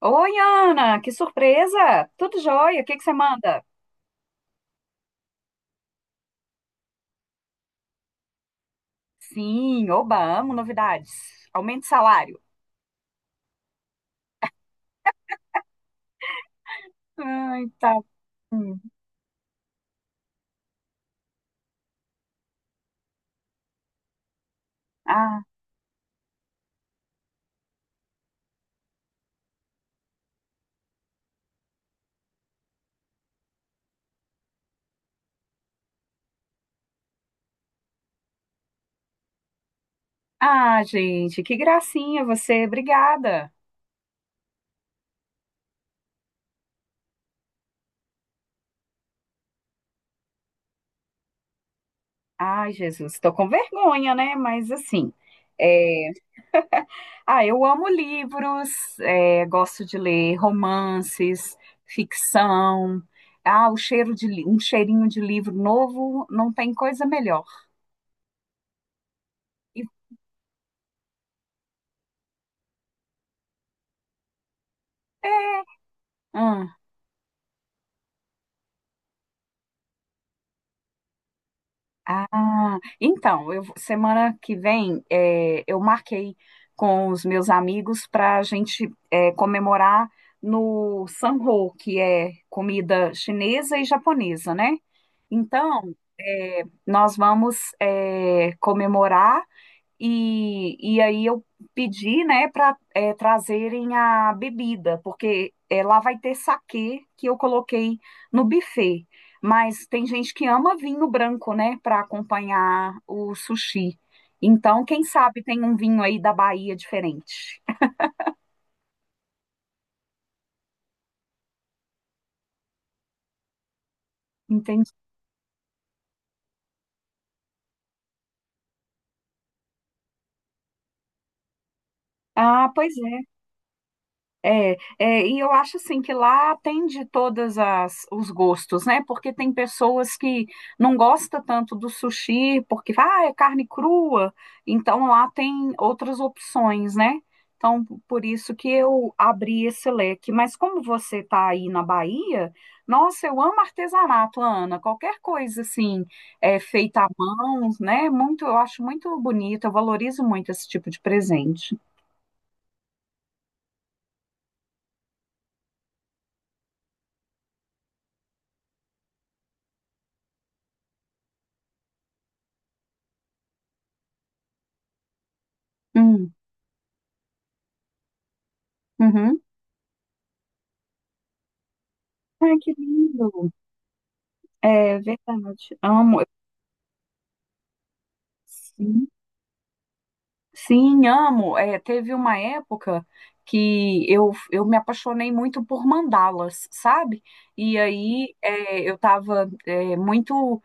Oi, Ana, que surpresa! Tudo jóia? O que que você manda? Sim, oba, amo novidades. Aumento de salário. Ai, tá. Hum. Ah, ah, gente, que gracinha você, obrigada. Ai, Jesus, estou com vergonha, né? Mas assim, é, ah, eu amo livros, é, gosto de ler romances, ficção. Ah, o cheiro um cheirinho de livro novo não tem coisa melhor. E, é, ah, Ah, então, eu, semana que vem é, eu marquei com os meus amigos para a gente é, comemorar no Sanho, que é comida chinesa e japonesa, né? Então, é, nós vamos é, comemorar. E aí eu pedi, né, para trazerem a bebida, porque lá vai ter saquê que eu coloquei no buffet. Mas tem gente que ama vinho branco, né, para acompanhar o sushi. Então, quem sabe tem um vinho aí da Bahia diferente. Entendi. Ah, pois é. É, e eu acho assim que lá atende todas as os gostos, né? Porque tem pessoas que não gostam tanto do sushi, porque é carne crua, então lá tem outras opções, né? Então, por isso que eu abri esse leque. Mas como você está aí na Bahia, nossa, eu amo artesanato, Ana. Qualquer coisa assim, é, feita à mão, né? Muito, eu acho muito bonito, eu valorizo muito esse tipo de presente. Hum, uhum. Ai, que lindo! É verdade. Amo. Sim, sim, amo. É, teve uma época que eu me apaixonei muito por mandalas, sabe? E aí é, eu estava muito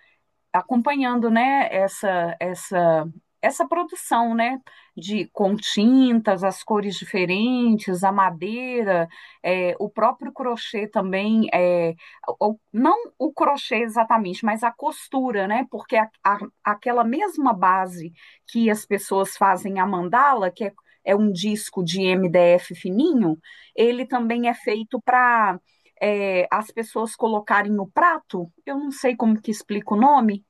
acompanhando, né, essa produção, né, de com tintas, as cores diferentes, a madeira, é, o próprio crochê também, é, não o crochê exatamente, mas a costura, né, porque aquela mesma base que as pessoas fazem a mandala, que é um disco de MDF fininho, ele também é feito para as pessoas colocarem no prato, eu não sei como que explica o nome,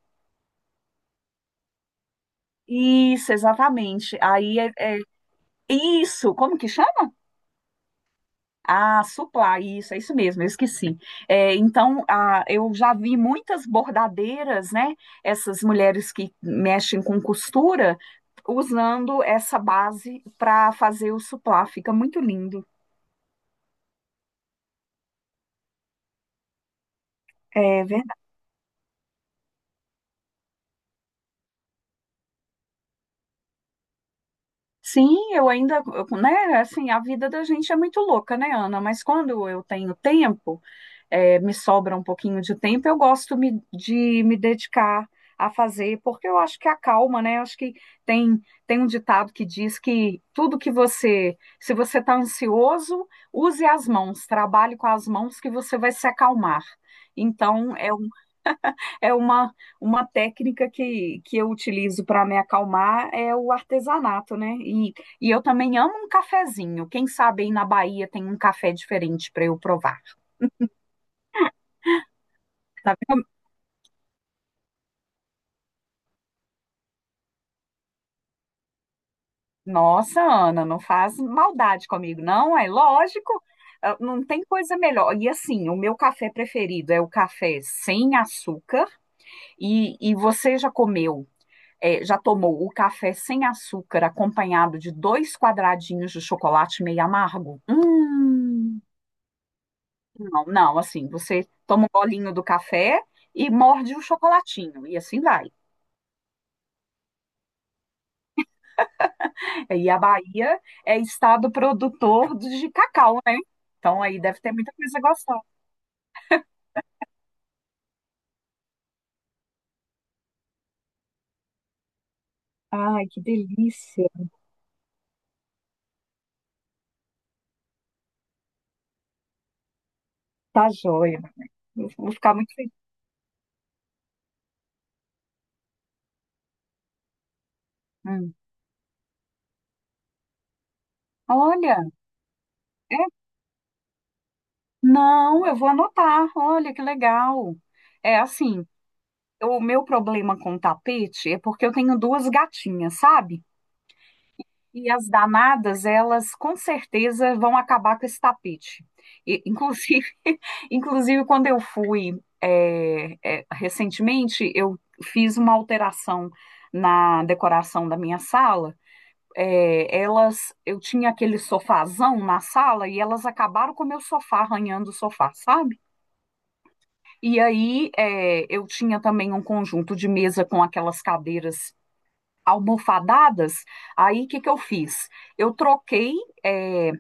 isso, exatamente. Aí isso, como que chama? Ah, supply, isso, é isso mesmo, eu esqueci. É, então, ah, eu já vi muitas bordadeiras, né? Essas mulheres que mexem com costura, usando essa base para fazer o suplá, fica muito lindo. É verdade. Sim, eu ainda, né? Assim, a vida da gente é muito louca, né, Ana? Mas quando eu tenho tempo, é, me sobra um pouquinho de tempo, eu gosto de me dedicar a fazer, porque eu acho que acalma, né? Eu acho que tem, tem um ditado que diz que tudo que você, se você está ansioso, use as mãos, trabalhe com as mãos que você vai se acalmar. Então, é, é uma técnica que eu utilizo para me acalmar, é o artesanato, né? E eu também amo um cafezinho. Quem sabe aí na Bahia tem um café diferente para eu provar. Tá. Nossa, Ana, não faz maldade comigo, não? É lógico, ah, não tem coisa melhor. E assim, o meu café preferido é o café sem açúcar. E você já tomou o café sem açúcar acompanhado de dois quadradinhos de chocolate meio amargo? Não, não, assim, você toma um bolinho do café. E morde o chocolatinho, e assim vai. E a Bahia é estado produtor de cacau, né? Então aí deve ter muita coisa gostosa. Ai, que delícia. Tá joia. Eu vou ficar muito feliz. Hum. Olha, é, não, eu vou anotar. Olha, que legal. É assim, o meu problema com tapete é porque eu tenho duas gatinhas, sabe? E as danadas, elas com certeza vão acabar com esse tapete. E, inclusive, inclusive, quando eu fui recentemente, eu fiz uma alteração na decoração da minha sala. Elas, eu tinha aquele sofazão na sala e elas acabaram com o meu sofá, arranhando o sofá, sabe? E aí eu tinha também um conjunto de mesa com aquelas cadeiras almofadadas. Aí o que que eu fiz? Eu troquei é,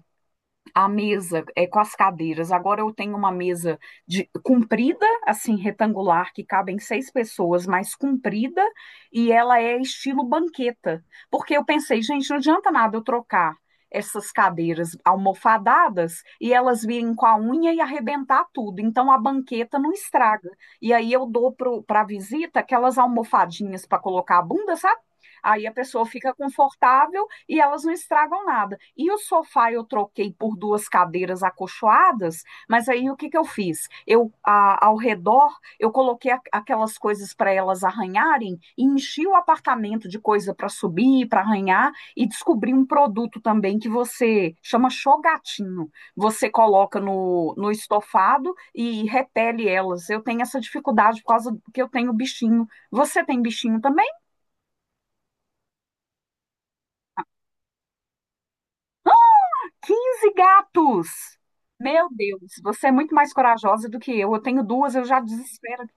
a mesa com as cadeiras. Agora eu tenho uma mesa comprida, assim, retangular, que cabem seis pessoas, mas comprida, e ela é estilo banqueta. Porque eu pensei, gente, não adianta nada eu trocar essas cadeiras almofadadas e elas virem com a unha e arrebentar tudo. Então a banqueta não estraga. E aí eu dou para a visita aquelas almofadinhas para colocar a bunda, sabe? Aí a pessoa fica confortável e elas não estragam nada. E o sofá eu troquei por duas cadeiras acolchoadas, mas aí o que eu fiz? Eu, ao redor, eu coloquei aquelas coisas para elas arranharem e enchi o apartamento de coisa para subir, para arranhar, e descobri um produto também que você chama chogatinho. Você coloca no estofado e repele elas. Eu tenho essa dificuldade por causa que eu tenho bichinho. Você tem bichinho também? Quinze gatos! Meu Deus, você é muito mais corajosa do que eu. Eu tenho duas, eu já desespero.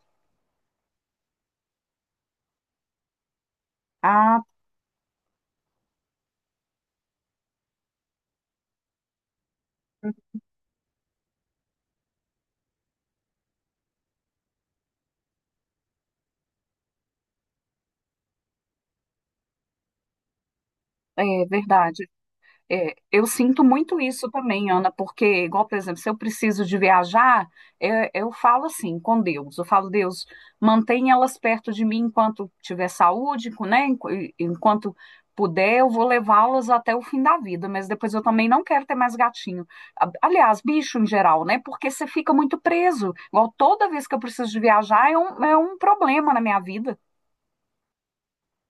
Ah, é verdade. É, eu sinto muito isso também, Ana, porque, igual, por exemplo, se eu preciso de viajar, eu falo assim com Deus. Eu falo, Deus, mantém elas perto de mim enquanto tiver saúde, né? Enquanto puder, eu vou levá-las até o fim da vida, mas depois eu também não quero ter mais gatinho. Aliás, bicho em geral, né? Porque você fica muito preso. Igual toda vez que eu preciso de viajar, é um problema na minha vida,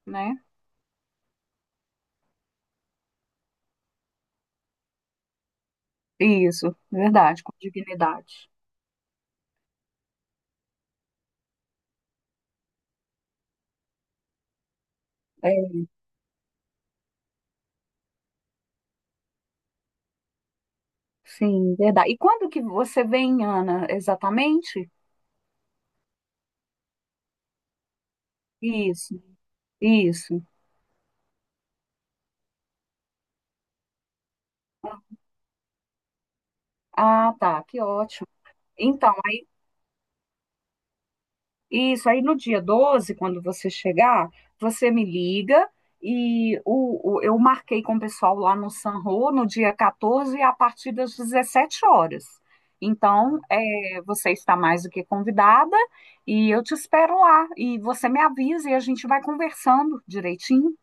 né? Isso, verdade, com dignidade. É. Sim, verdade. E quando que você vem, Ana, exatamente? Isso, isso. Ah, tá, que ótimo. Então, isso aí no dia 12, quando você chegar, você me liga e eu marquei com o pessoal lá no Sanro no dia 14 a partir das 17 horas. Então, é, você está mais do que convidada e eu te espero lá. E você me avisa e a gente vai conversando direitinho.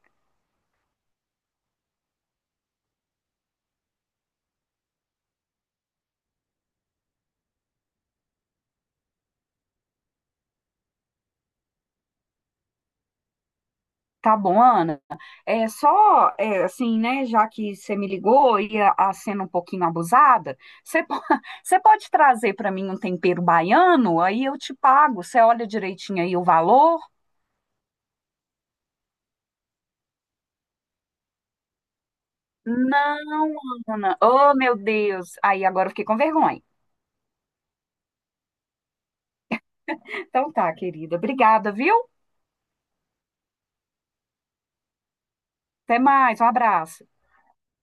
Tá bom, Ana. É só assim, né? Já que você me ligou e a sendo um pouquinho abusada, você, po- você pode trazer para mim um tempero baiano? Aí eu te pago. Você olha direitinho aí o valor? Não, Ana. Oh, meu Deus. Aí agora eu fiquei com vergonha. Então tá, querida. Obrigada, viu? Até mais. Um abraço.